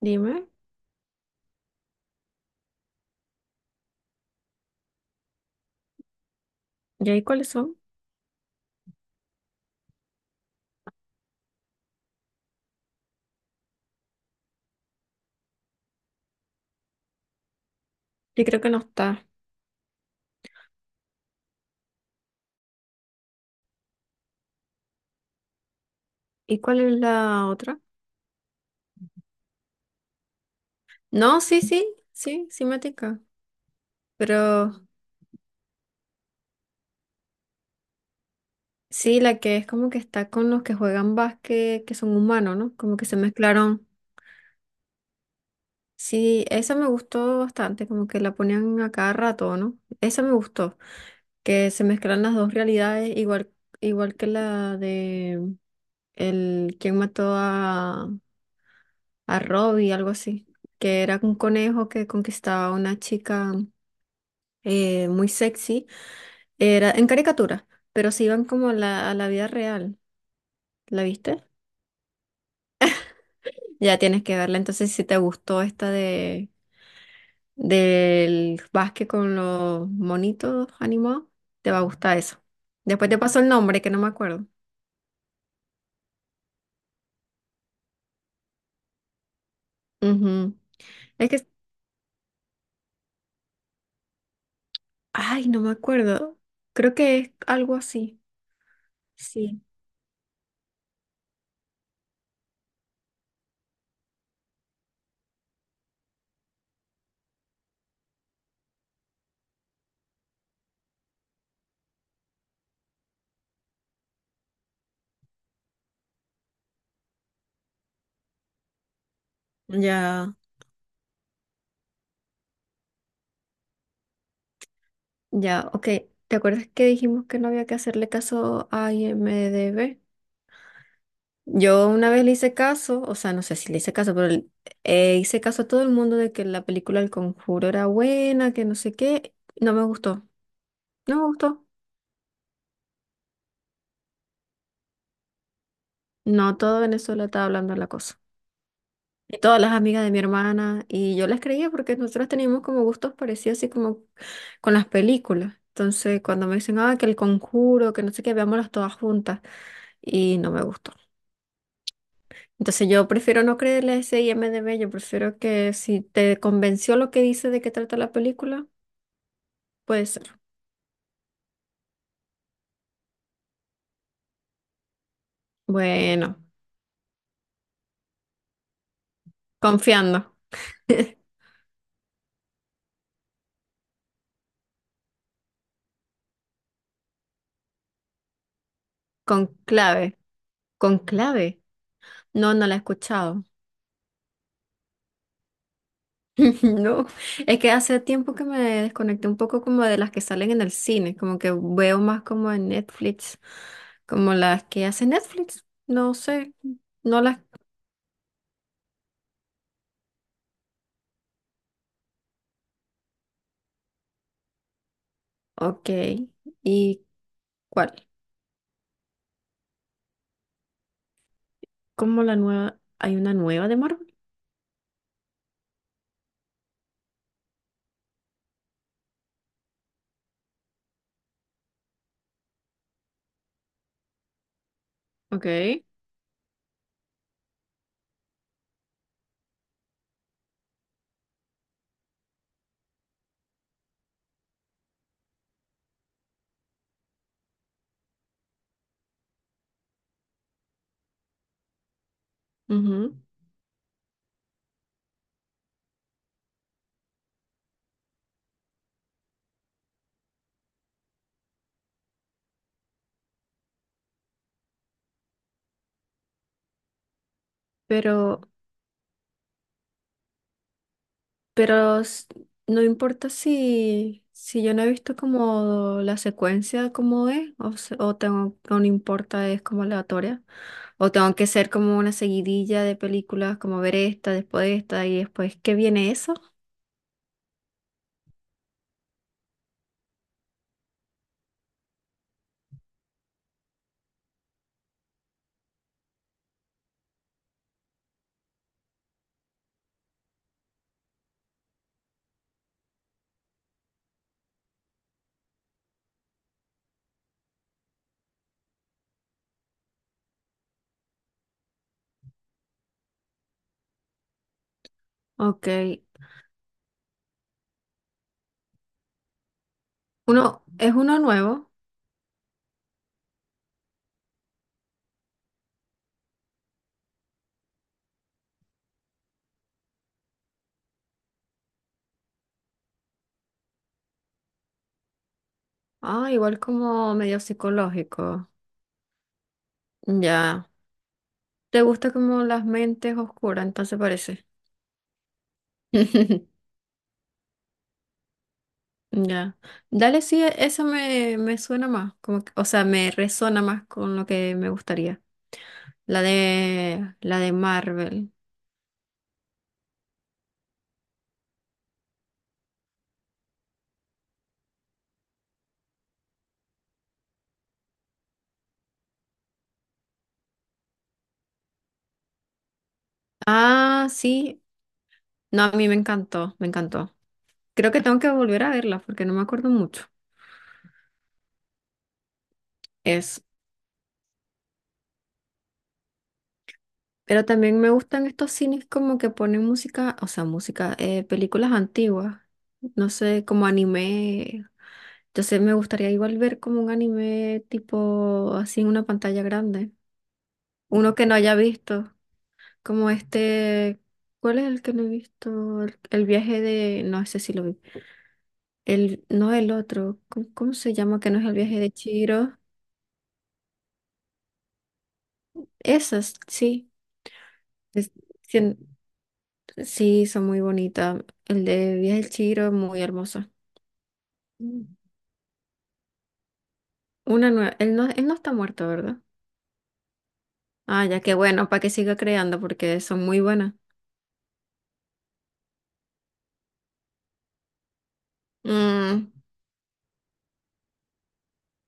Dime, ¿y ahí cuáles son? Yo creo que no está. ¿Y cuál es la otra? No, sí, sí, sí, sí me tinca. Pero sí, la que es como que está con los que juegan básquet, que son humanos, ¿no? Como que se mezclaron. Sí, esa me gustó bastante, como que la ponían a cada rato, ¿no? Esa me gustó, que se mezclan las dos realidades, igual, igual que la de el quién mató a Robbie, algo así, que era un conejo que conquistaba a una chica. Muy sexy, era en caricatura, pero se iban como a la vida real. ¿La viste? Ya tienes que verla. Entonces, si te gustó esta de del básquet con los monitos animados, te va a gustar eso. Después te paso el nombre, que no me acuerdo. Ujú. Es que, ay, no me acuerdo. Creo que es algo así. Sí. Ya, ya, ok. ¿Te acuerdas que dijimos que no había que hacerle caso a IMDb? Yo una vez le hice caso, o sea, no sé si le hice caso, pero hice caso a todo el mundo de que la película El Conjuro era buena, que no sé qué. No me gustó, no me gustó. No, todo Venezuela estaba hablando de la cosa. Y todas las amigas de mi hermana, y yo las creía porque nosotros teníamos como gustos parecidos, así como con las películas. Entonces, cuando me dicen, ah, que El Conjuro, que no sé qué, veámoslas todas juntas, y no me gustó. Entonces yo prefiero no creerle a ese I M IMDb, yo prefiero que si te convenció lo que dice de qué trata la película, puede ser. Bueno, confiando. Conclave. Conclave. No, no la he escuchado. No, es que hace tiempo que me desconecté un poco como de las que salen en el cine, como que veo más como en Netflix, como las que hace Netflix. No sé, no las... Ok, ¿y cuál? ¿Cómo la nueva? ¿Hay una nueva de Marvel? Ok. Ujú. Pero Pero s- no importa si, si yo no he visto como la secuencia como es, o, o tengo, o no importa, es como aleatoria, o tengo que ser como una seguidilla de películas, como ver esta, después esta y después, ¿qué viene eso? Ok, uno, es uno nuevo, ah, igual como medio psicológico, ya, te gusta como las mentes oscuras, entonces parece. Ya. Dale, sí, eso me suena más, o sea, me resona más con lo que me gustaría. La de Marvel. Ah, sí. No, a mí me encantó, me encantó. Creo que tengo que volver a verla porque no me acuerdo mucho. Es. Pero también me gustan estos cines como que ponen música, o sea, música, películas antiguas. No sé, como anime. Entonces me gustaría igual ver como un anime tipo así en una pantalla grande. Uno que no haya visto. Como este, ¿cuál es el que no he visto? El viaje de, no sé si lo vi. El, no el otro, ¿cómo se llama? Que no es el viaje de Chihiro. Esas, sí. Es- sí, sí, son muy bonitas. El de viaje de Chihiro es muy hermoso. Mm. Una nueva, él no está muerto, ¿verdad? Ah, ya que bueno, para que siga creando porque son muy buenas. Mm,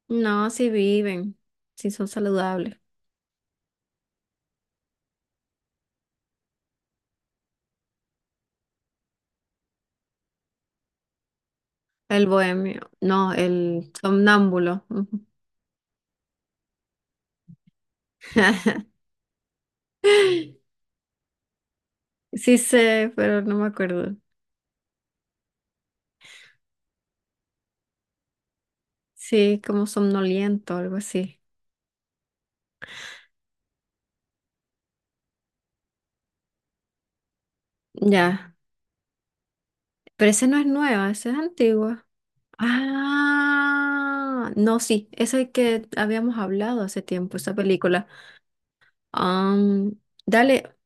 no, si viven, si son saludables. El bohemio, no, el somnámbulo. Ujú. Sí sé, pero no me acuerdo. Sí, como somnoliento, algo así. Ya. Pero ese no es nueva, ese es antigua. Ah, no, sí, ese que habíamos hablado hace tiempo, esa película. Am, dale,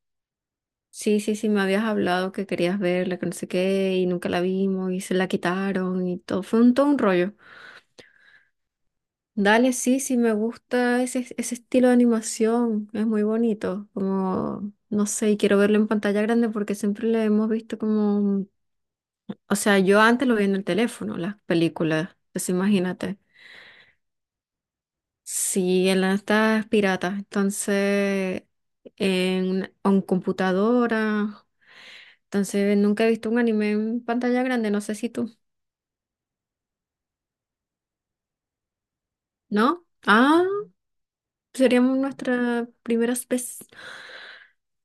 sí, sí, sí, me habías hablado que querías verla, que no sé qué, y nunca la vimos, y se la quitaron, y todo. Fue un, todo un rollo. Dale, sí, sí, me gusta ese, ese estilo de animación, es muy bonito, como, no sé, y quiero verlo en pantalla grande porque siempre lo hemos visto como, o sea, yo antes lo vi en el teléfono, las películas, entonces imagínate, sí, en las estas piratas, entonces, en computadora, entonces nunca he visto un anime en pantalla grande, no sé si tú, ¿no? Ah, seríamos nuestra primera vez.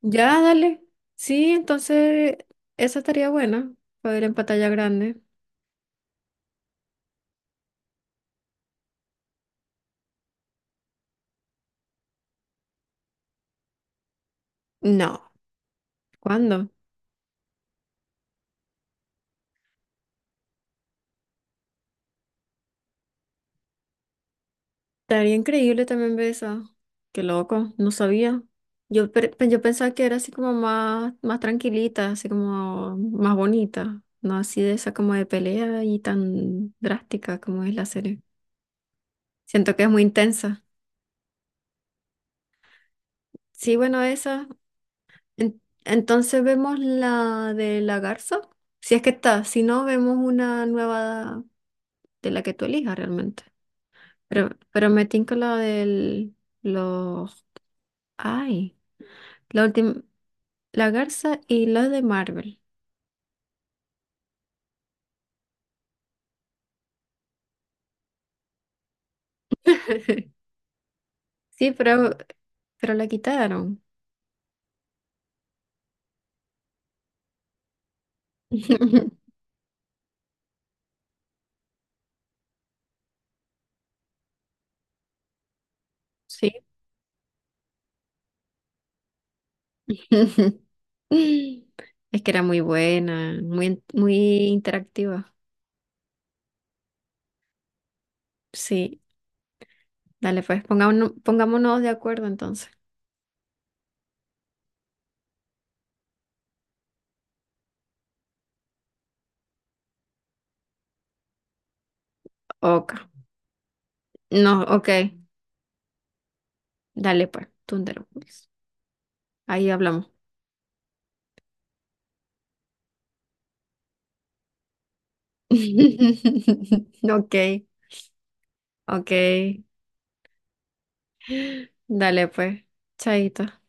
Ya, dale. Sí, entonces esa estaría buena, para poder en pantalla grande. No, ¿cuándo? Estaría increíble también ver esa. Qué loco, no sabía. Yo, yo pensaba que era así como más, más tranquilita, así como más bonita, no así de esa como de pelea y tan drástica como es la serie. Siento que es muy intensa. Sí, bueno, esa. En- entonces vemos la de la garza. Si es que está, si no, vemos una nueva de la que tú elijas realmente. Pero me tinca la del, los, ay, la última, la Garza y los de Marvel. Sí, pero la quitaron. Sí. Es que era muy buena, muy, muy interactiva. Sí, dale pues, pongámonos, pongámonos de acuerdo entonces. Ok. No, ok, dale pues, Thunderbolts. Ahí hablamos. Ok, ok. Dale, pues, chaito.